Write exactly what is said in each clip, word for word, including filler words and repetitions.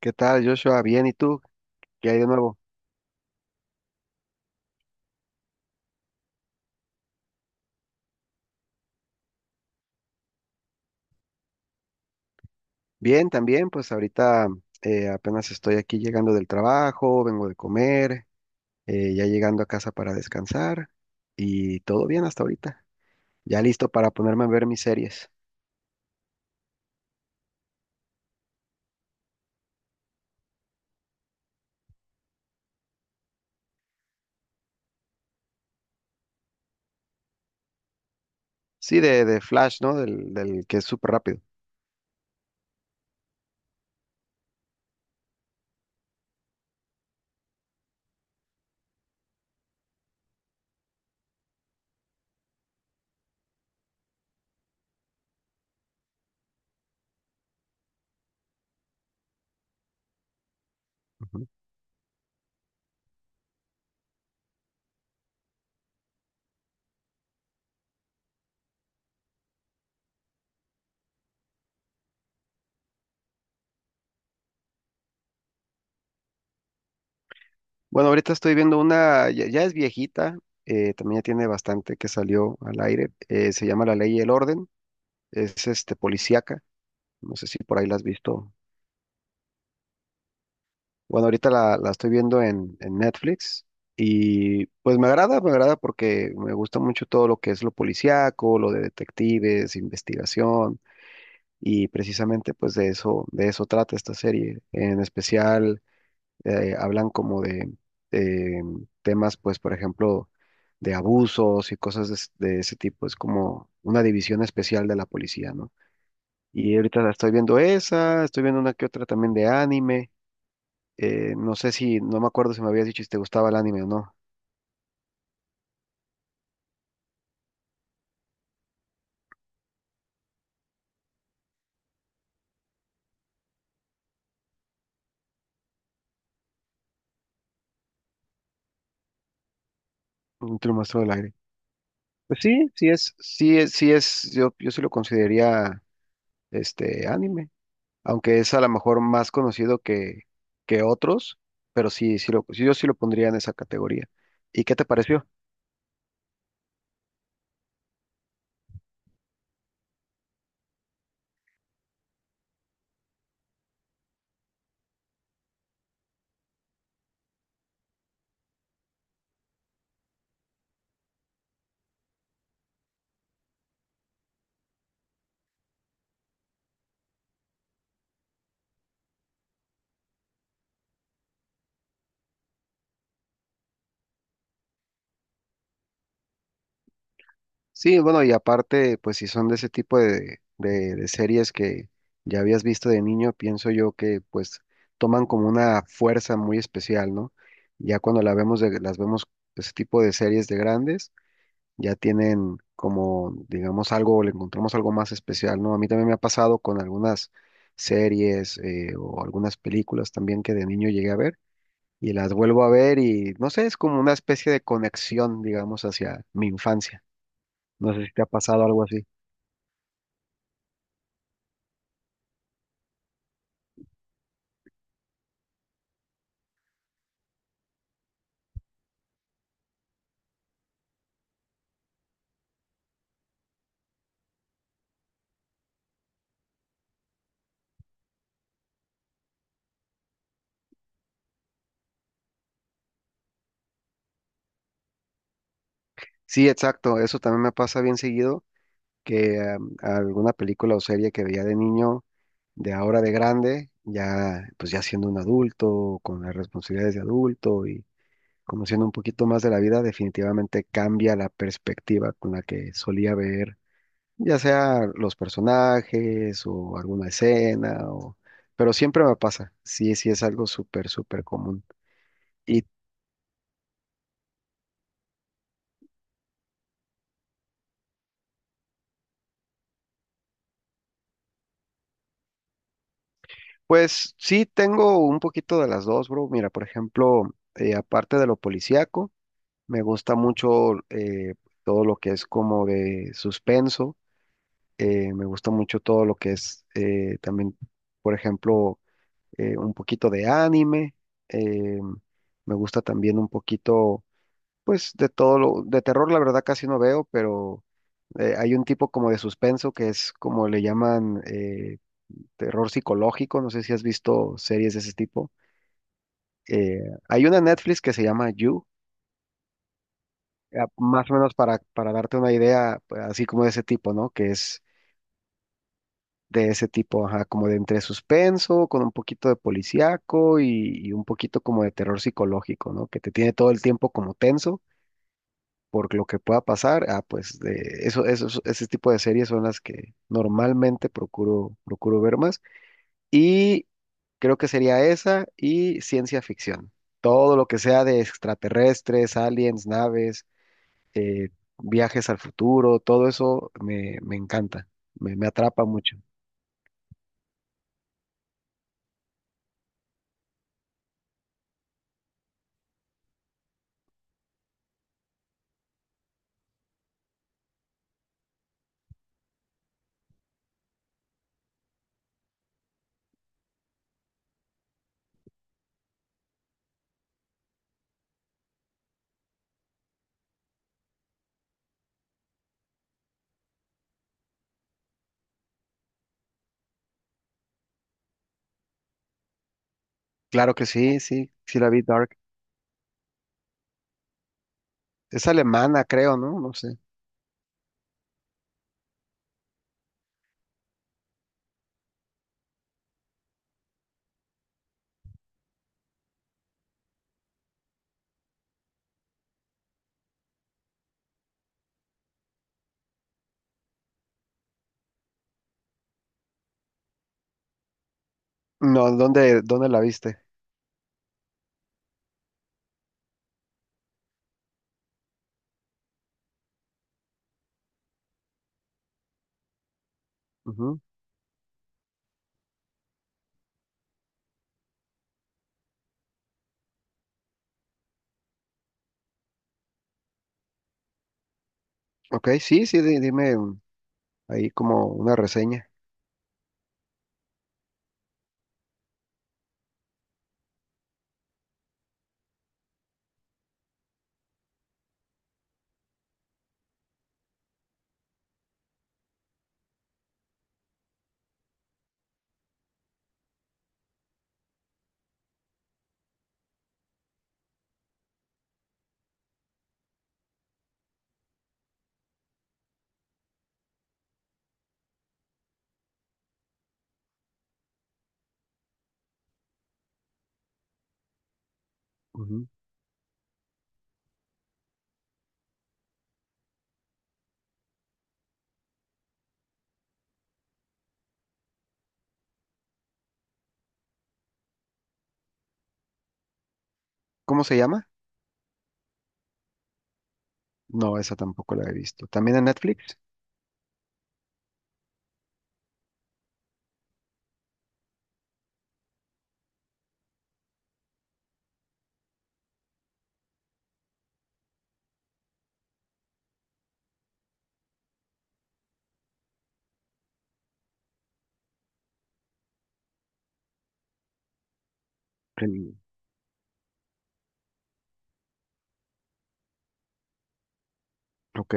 ¿Qué tal, Joshua? Bien, ¿y tú? ¿Qué hay de nuevo? Bien, también, pues ahorita eh, apenas estoy aquí llegando del trabajo, vengo de comer, eh, ya llegando a casa para descansar y todo bien hasta ahorita. Ya listo para ponerme a ver mis series. Sí, de, de Flash, ¿no? Del, del que es súper rápido. Ujú. Bueno, ahorita estoy viendo una, ya, ya es viejita, eh, también ya tiene bastante que salió al aire. Eh, se llama La Ley y el Orden, es este policíaca, no sé si por ahí la has visto. Bueno, ahorita la, la estoy viendo en, en Netflix y pues me agrada, me agrada porque me gusta mucho todo lo que es lo policíaco, lo de detectives, investigación y precisamente pues de eso, de eso trata esta serie. En especial eh, hablan como de eh, temas pues por ejemplo de abusos y cosas de, es- de ese tipo. Es como una división especial de la policía, ¿no? Y ahorita la estoy viendo esa, estoy viendo una que otra también de anime. Eh, no sé si, no me acuerdo si me habías dicho si te gustaba el anime o no. Un te lo del aire. Pues sí, sí es, sí es, sí es, yo, yo sí lo consideraría este anime, aunque es a lo mejor más conocido que, que otros, pero sí, sí lo, sí, yo sí lo pondría en esa categoría. ¿Y qué te pareció? Sí, bueno, y aparte, pues si son de ese tipo de, de- de series que ya habías visto de niño, pienso yo que pues toman como una fuerza muy especial, ¿no? Ya cuando la vemos de- las vemos ese tipo de series de grandes, ya tienen como, digamos, algo, le encontramos algo más especial, ¿no? A mí también me ha pasado con algunas series eh, o algunas películas también que de niño llegué a ver y las vuelvo a ver y no sé, es como una especie de conexión, digamos, hacia mi infancia. No sé si te ha pasado algo así. Sí, exacto, eso también me pasa bien seguido, que um, alguna película o serie que veía de niño, de ahora de grande, ya pues ya siendo un adulto, con las responsabilidades de adulto y conociendo un poquito más de la vida, definitivamente cambia la perspectiva con la que solía ver, ya sea los personajes o alguna escena, o... pero siempre me pasa, sí, sí es algo súper, súper común. ¿Y pues sí, tengo un poquito de las dos, bro? Mira, por ejemplo, eh, aparte de lo policíaco, me gusta mucho eh, todo lo que es como de suspenso. Eh, me gusta mucho todo lo que es eh, también, por ejemplo, eh, un poquito de anime. eh, Me gusta también un poquito, pues, de todo lo de terror. La verdad casi no veo, pero eh, hay un tipo como de suspenso que es como le llaman eh, terror psicológico. No sé si has visto series de ese tipo. eh, Hay una en Netflix que se llama You, eh, más o menos para, para darte una idea, pues, así como de ese tipo, ¿no? Que es de ese tipo, ajá, como de entre suspenso, con un poquito de policíaco y, y un poquito como de terror psicológico, ¿no? Que te tiene todo el tiempo como tenso por lo que pueda pasar. Ah, pues de eso, esos- ese tipo de series son las que normalmente procuro, procuro ver más. Y creo que sería esa y ciencia ficción. Todo lo que sea de extraterrestres, aliens, naves eh, viajes al futuro, todo eso me, me encanta, me, me atrapa mucho. Claro que sí, sí, sí la vi Dark. Es alemana, creo, ¿no? No sé. No, ¿dónde, dónde la viste? Ujú. Ok, sí, sí, di- dime un ahí como una reseña. Ujú. ¿Cómo se llama? No, esa tampoco la he visto. ¿También en Netflix? El ok,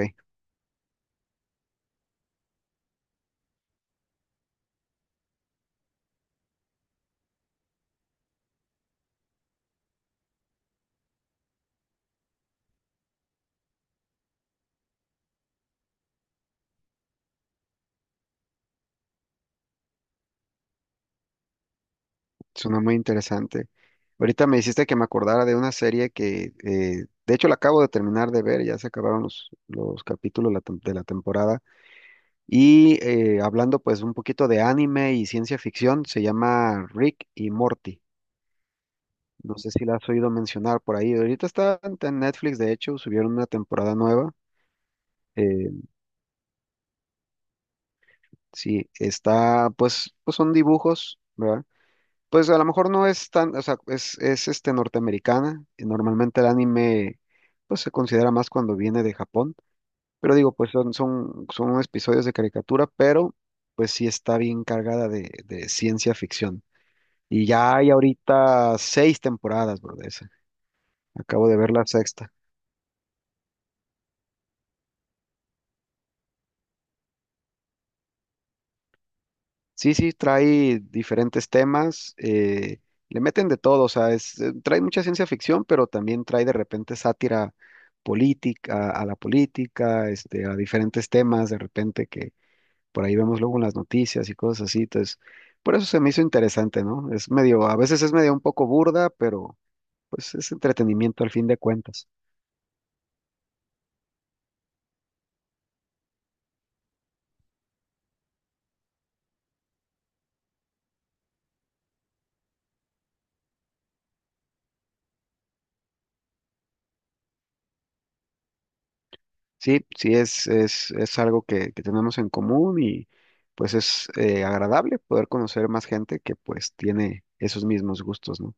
suena muy interesante. Ahorita me hiciste que me acordara de una serie que, eh, de hecho, la acabo de terminar de ver, ya se acabaron los, los capítulos la tem- de la temporada. Y eh, hablando pues un poquito de anime y ciencia ficción, se llama Rick y Morty. No sé si la has oído mencionar por ahí. Ahorita está en en Netflix, de hecho, subieron una temporada nueva. Eh, sí, está, pues, pues son dibujos, ¿verdad? Pues a lo mejor no es tan, o sea, es, es este norteamericana. Y normalmente el anime, pues se considera más cuando viene de Japón. Pero digo, pues son, son, son episodios de caricatura, pero pues sí está bien cargada de de ciencia ficción. Y ya hay ahorita seis temporadas, bro, de esa. Acabo de ver la sexta. Sí, sí, trae diferentes temas, eh, le meten de todo, o sea, es, eh, trae mucha ciencia ficción, pero también trae de repente sátira política, a la política, este, a diferentes temas, de repente que por ahí vemos luego en las noticias y cosas así. Entonces, por eso se me hizo interesante, ¿no? Es medio, a veces es medio un poco burda, pero pues es entretenimiento al fin de cuentas. Sí, sí, es, es, es algo que, que tenemos en común y pues es eh, agradable poder conocer más gente que pues tiene esos mismos gustos, ¿no?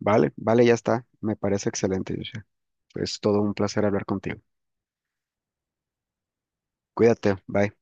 Vale, vale, ya está. Me parece excelente, Joshua. Es todo un placer hablar contigo. Cuídate, bye.